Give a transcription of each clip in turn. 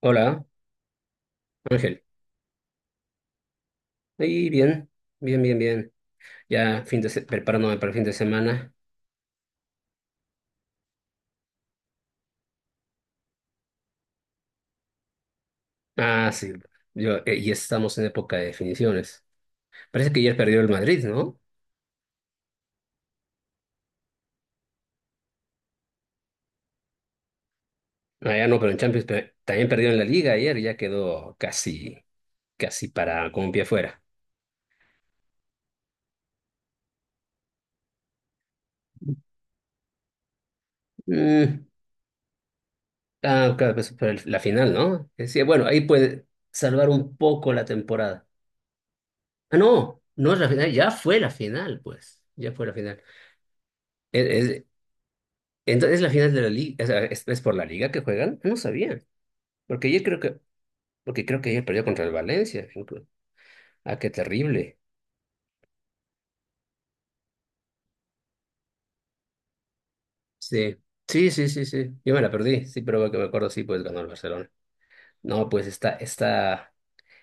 Hola, Ángel. Ahí bien, bien, bien, bien. Preparándome para el fin de semana. Ah, sí. Yo, ya estamos en época de definiciones. Parece que ayer perdió el Madrid, ¿no? Ah, ya no, pero en Champions también perdió en la Liga ayer. Ya quedó casi, casi para con un pie fuera. Mm, ah, claro, pues, para la final, ¿no? Decía, bueno, ahí puede salvar un poco la temporada. Ah, no, no es la final. Ya fue la final, pues. Ya fue la final. Entonces la final de la liga, o sea, ¿es por la liga que juegan? No sabía, porque ayer creo que, porque creo que ayer perdió contra el Valencia. Ah, qué terrible. Sí, sí, sí, sí, sí. Yo me la perdí, sí, pero que me acuerdo, sí, pues ganó el Barcelona. No, pues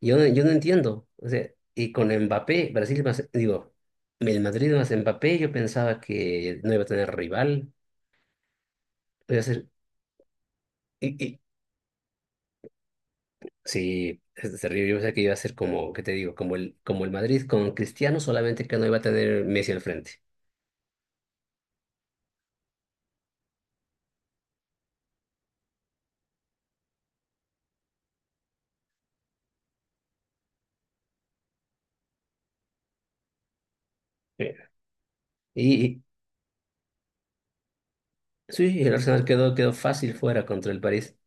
yo, yo no entiendo. O sea, y con Mbappé, Brasil más, digo, el Madrid más Mbappé, yo pensaba que no iba a tener rival. Iba a ser- y, Sí, terrible. Yo pensé que iba a ser como, ¿qué te digo? Como el Madrid con Cristiano, solamente que no iba a tener Messi al frente. Sí. Y, y- sí, el Arsenal quedó, quedó fácil fuera contra el París.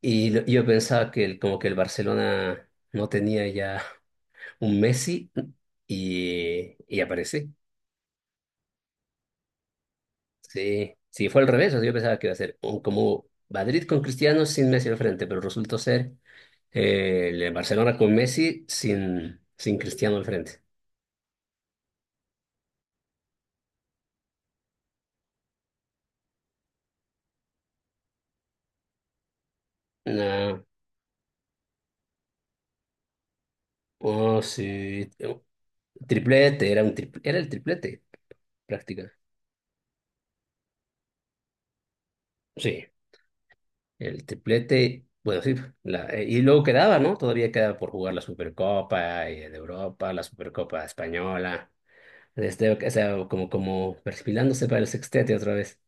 Y yo pensaba que como que el Barcelona no tenía ya un Messi y aparece. Sí, sí, fue al revés. O sea, yo pensaba que iba a ser como Madrid con Cristiano sin Messi al frente, pero resultó ser el Barcelona con Messi sin Cristiano al frente. No. Oh, sí. Triplete, era el triplete, práctica. Sí, el triplete, bueno, sí. Y luego quedaba, ¿no? Todavía quedaba por jugar la Supercopa y de Europa, la Supercopa Española. Este, o sea, como perfilándose para el sextete otra vez.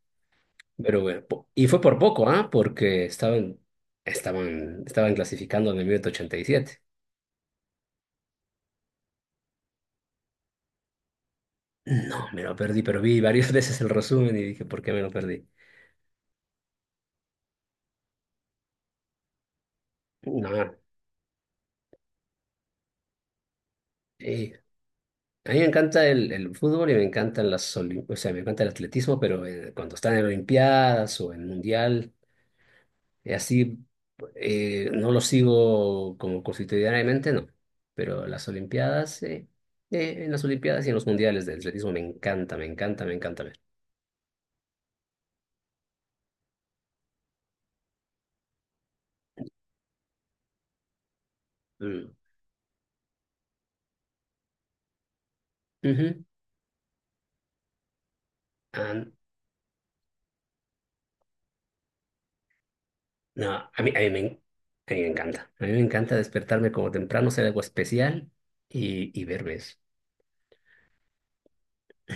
Pero bueno, y fue por poco, ¿ah? Porque estaban clasificando en el minuto 87. No, me lo perdí, pero vi varias veces el resumen y dije, ¿por qué me lo perdí? No, sí, a mí me encanta el fútbol y me encantan o sea, me encanta el atletismo, pero cuando están en Olimpiadas o en Mundial, así, no lo sigo como constitucionalmente, no. Pero las Olimpiadas, en las Olimpiadas y en los Mundiales de atletismo me encanta, me encanta, me encanta ver. Mm. Ujú. Ah, no, a mí me encanta. A mí me encanta despertarme como temprano, ser algo especial y verme.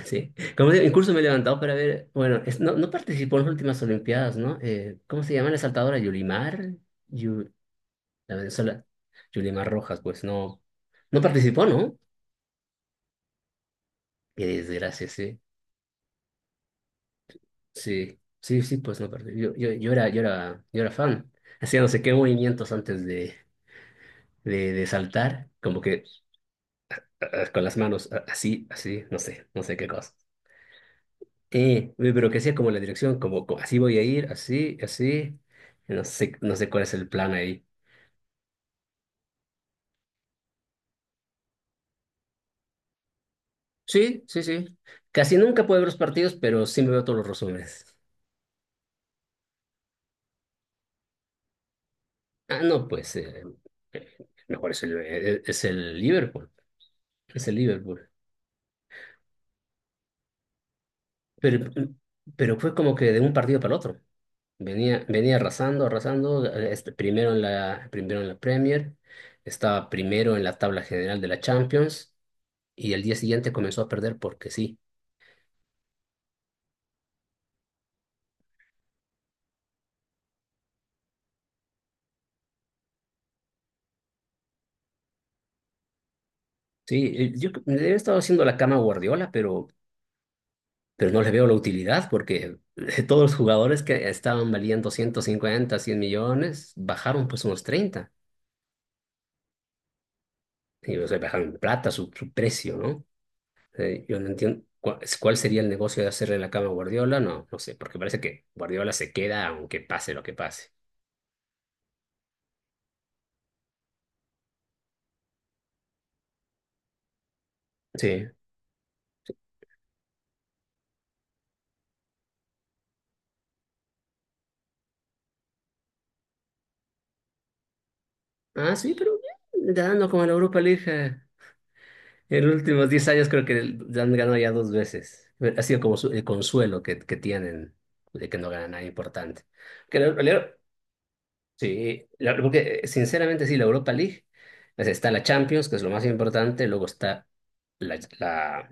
Sí, como digo, incluso me he levantado para ver, bueno, no, no participó en las últimas Olimpiadas, ¿no? ¿Cómo se llama la saltadora? Yu- la Venezuela, Yulimar Rojas, pues no, no participó, ¿no? Qué desgracia, sí, sí, sí, sí, pues no participó. Yo era fan, hacía no sé qué movimientos antes de saltar, como que ah, ah, con las manos ah, así, así, no sé, no sé qué cosa. Uy, pero que sea como la dirección, así voy a ir, así, así. No sé, no sé cuál es el plan ahí. Sí, sí, sí. Casi nunca puedo ver los partidos, pero sí me veo todos los resúmenes. Ah, no, pues mejor es es el Liverpool. Es el Liverpool. Pero, pero fue como que de un partido para el otro. Venía, venía arrasando, arrasando. Este, primero en la Premier, estaba primero en la tabla general de la Champions y el día siguiente comenzó a perder porque sí. Sí, yo creo que le he estado haciendo la cama a Guardiola, pero no le veo la utilidad porque todos los jugadores que estaban valiendo 150 100 millones bajaron pues unos treinta. Y, o sea, bajaron en plata su precio, ¿no? Yo no entiendo cuál sería el negocio de hacerle la cama a Guardiola, no, no sé, porque parece que Guardiola se queda aunque pase lo que pase. Sí. Ah, sí, pero bien, dando como a la Europa League. En los últimos 10 años creo que han ganado ya dos veces. Ha sido como el consuelo que tienen de que no ganan nada importante. Que la- la- sí, porque sinceramente sí, la Europa League, pues, está la Champions, que es lo más importante, luego está la, la,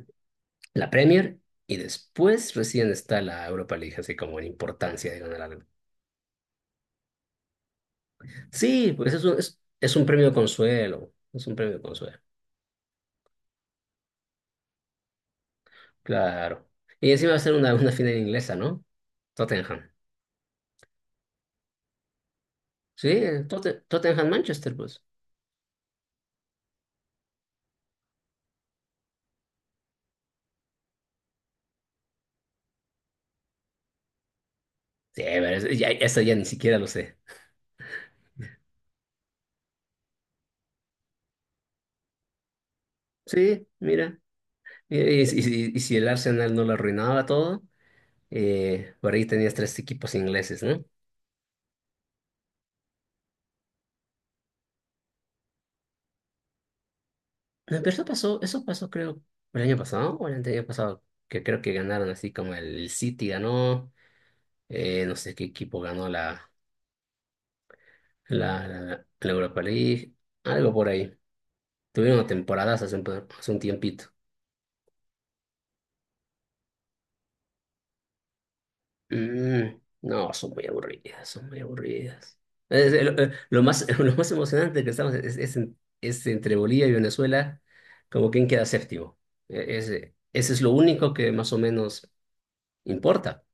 la Premier y después recién está la Europa League, así como en importancia de ganar algo. Sí, pues es un premio de consuelo, es un premio de consuelo, claro. Y encima va a ser una final inglesa, ¿no? Tottenham. Sí, el Tottenham Manchester, pues. Sí, pero eso ya ni siquiera lo sé. Sí, mira. Mira, y si el Arsenal no lo arruinaba todo, por ahí tenías tres equipos ingleses, ¿no? No, pero eso pasó creo el año pasado o el año pasado, que creo que ganaron así como el City ganó, no sé qué equipo ganó la, la, la Europa League, algo por ahí. Tuvieron temporadas hace hace un tiempito. No, son muy aburridas, son muy aburridas. Lo más lo más emocionante que estamos es entre Bolivia y Venezuela, como quien queda séptimo. Ese es lo único que más o menos importa.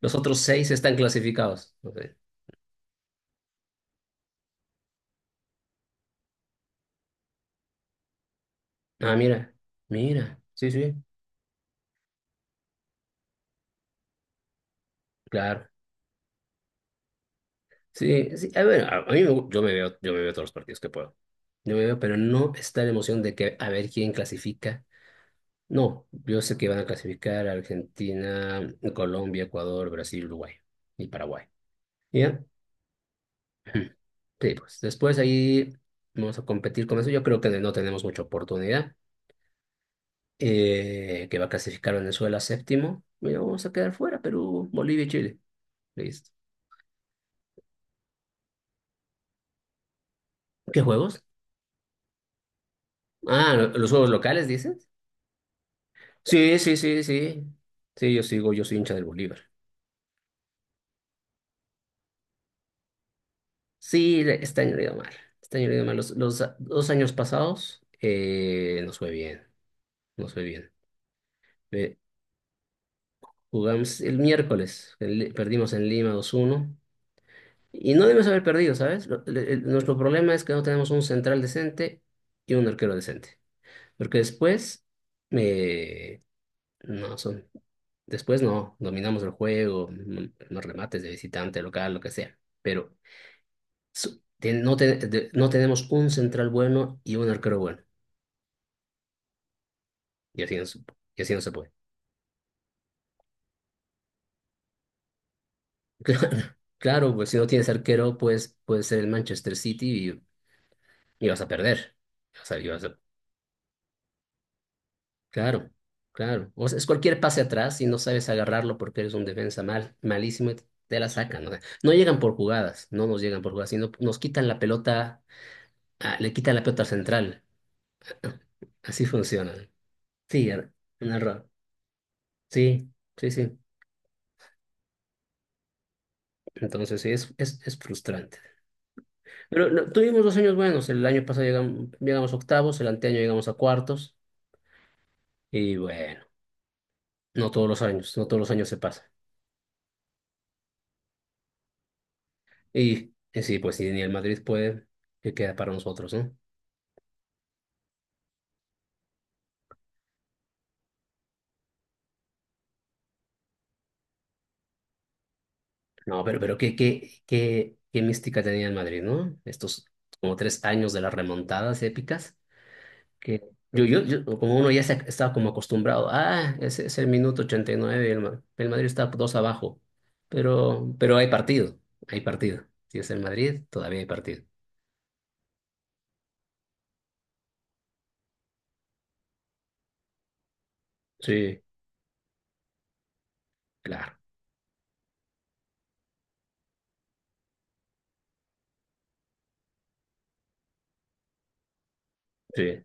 Los otros seis están clasificados. Ok. Ah, mira, mira, sí, sí, claro. Sí, sí, a ver, a mí yo me veo todos los partidos que puedo. Yo me veo, pero no está la emoción de que a ver quién clasifica. No, yo sé que van a clasificar a Argentina, Colombia, Ecuador, Brasil, Uruguay y Paraguay. ¿Ya? Sí, pues después ahí vamos a competir con eso. Yo creo que no tenemos mucha oportunidad. Que va a clasificar Venezuela séptimo. Bueno, vamos a quedar fuera, Perú, Bolivia y Chile. Listo. ¿Qué juegos? Ah, ¿los juegos locales, dices? Sí, sí, sí, sí. Sí, yo sigo, yo soy hincha del Bolívar. Sí, este año le ha ido mal. Este año le ha ido mal. 2 años pasados, nos fue bien. Nos fue bien. Eh, jugamos el miércoles. Perdimos en Lima 2-1. Y no debemos haber perdido, ¿sabes? Nuestro problema es que no tenemos un central decente y un arquero decente. Porque después, eh, no, son, después no, dominamos el juego, los remates de visitante, local, lo que sea. Pero no tenemos un central bueno y un arquero bueno. Y así no, se- y así no se puede. Claro, claro, pues si no tienes arquero, pues puede ser el Manchester City y vas a perder. O sea, y vas a- claro, claro. O sea, es cualquier pase atrás y no sabes agarrarlo porque eres un defensa mal, malísimo y te la sacan. O sea, no llegan por jugadas, no nos llegan por jugadas, sino nos quitan la pelota, ah, le quitan la pelota al central. Así funciona. Sí, un error. Sí, sí, sí. Entonces sí, es frustrante. Pero no, tuvimos 2 años buenos. El año pasado llegamos a octavos, el anteaño llegamos a cuartos. Y bueno, no todos los años, no todos los años se pasa. Y sí, pues si ni el Madrid puede, ¿qué queda para nosotros, no? No, pero qué mística tenía el Madrid, ¿no? Estos como 3 años de las remontadas épicas, que como uno ya estaba como acostumbrado, ah, ese es el minuto 89 y nueve, y el Madrid está dos abajo. Pero hay partido, hay partido. Si es el Madrid, todavía hay partido. Sí, claro, sí.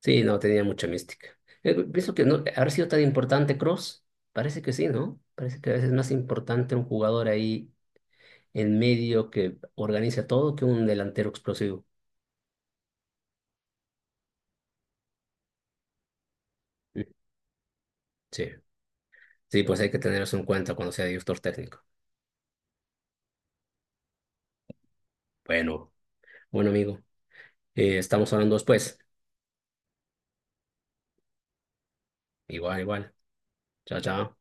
Sí, no, tenía mucha mística. Pienso que no, haber sido tan importante Cross, parece que sí, ¿no? Parece que a veces es más importante un jugador ahí en medio que organiza todo que un delantero explosivo. Mm, Sí, sí, pues hay que tener eso en cuenta cuando sea director técnico. Bueno, bueno, amigo, estamos hablando después. Igual, igual. Chao, chao.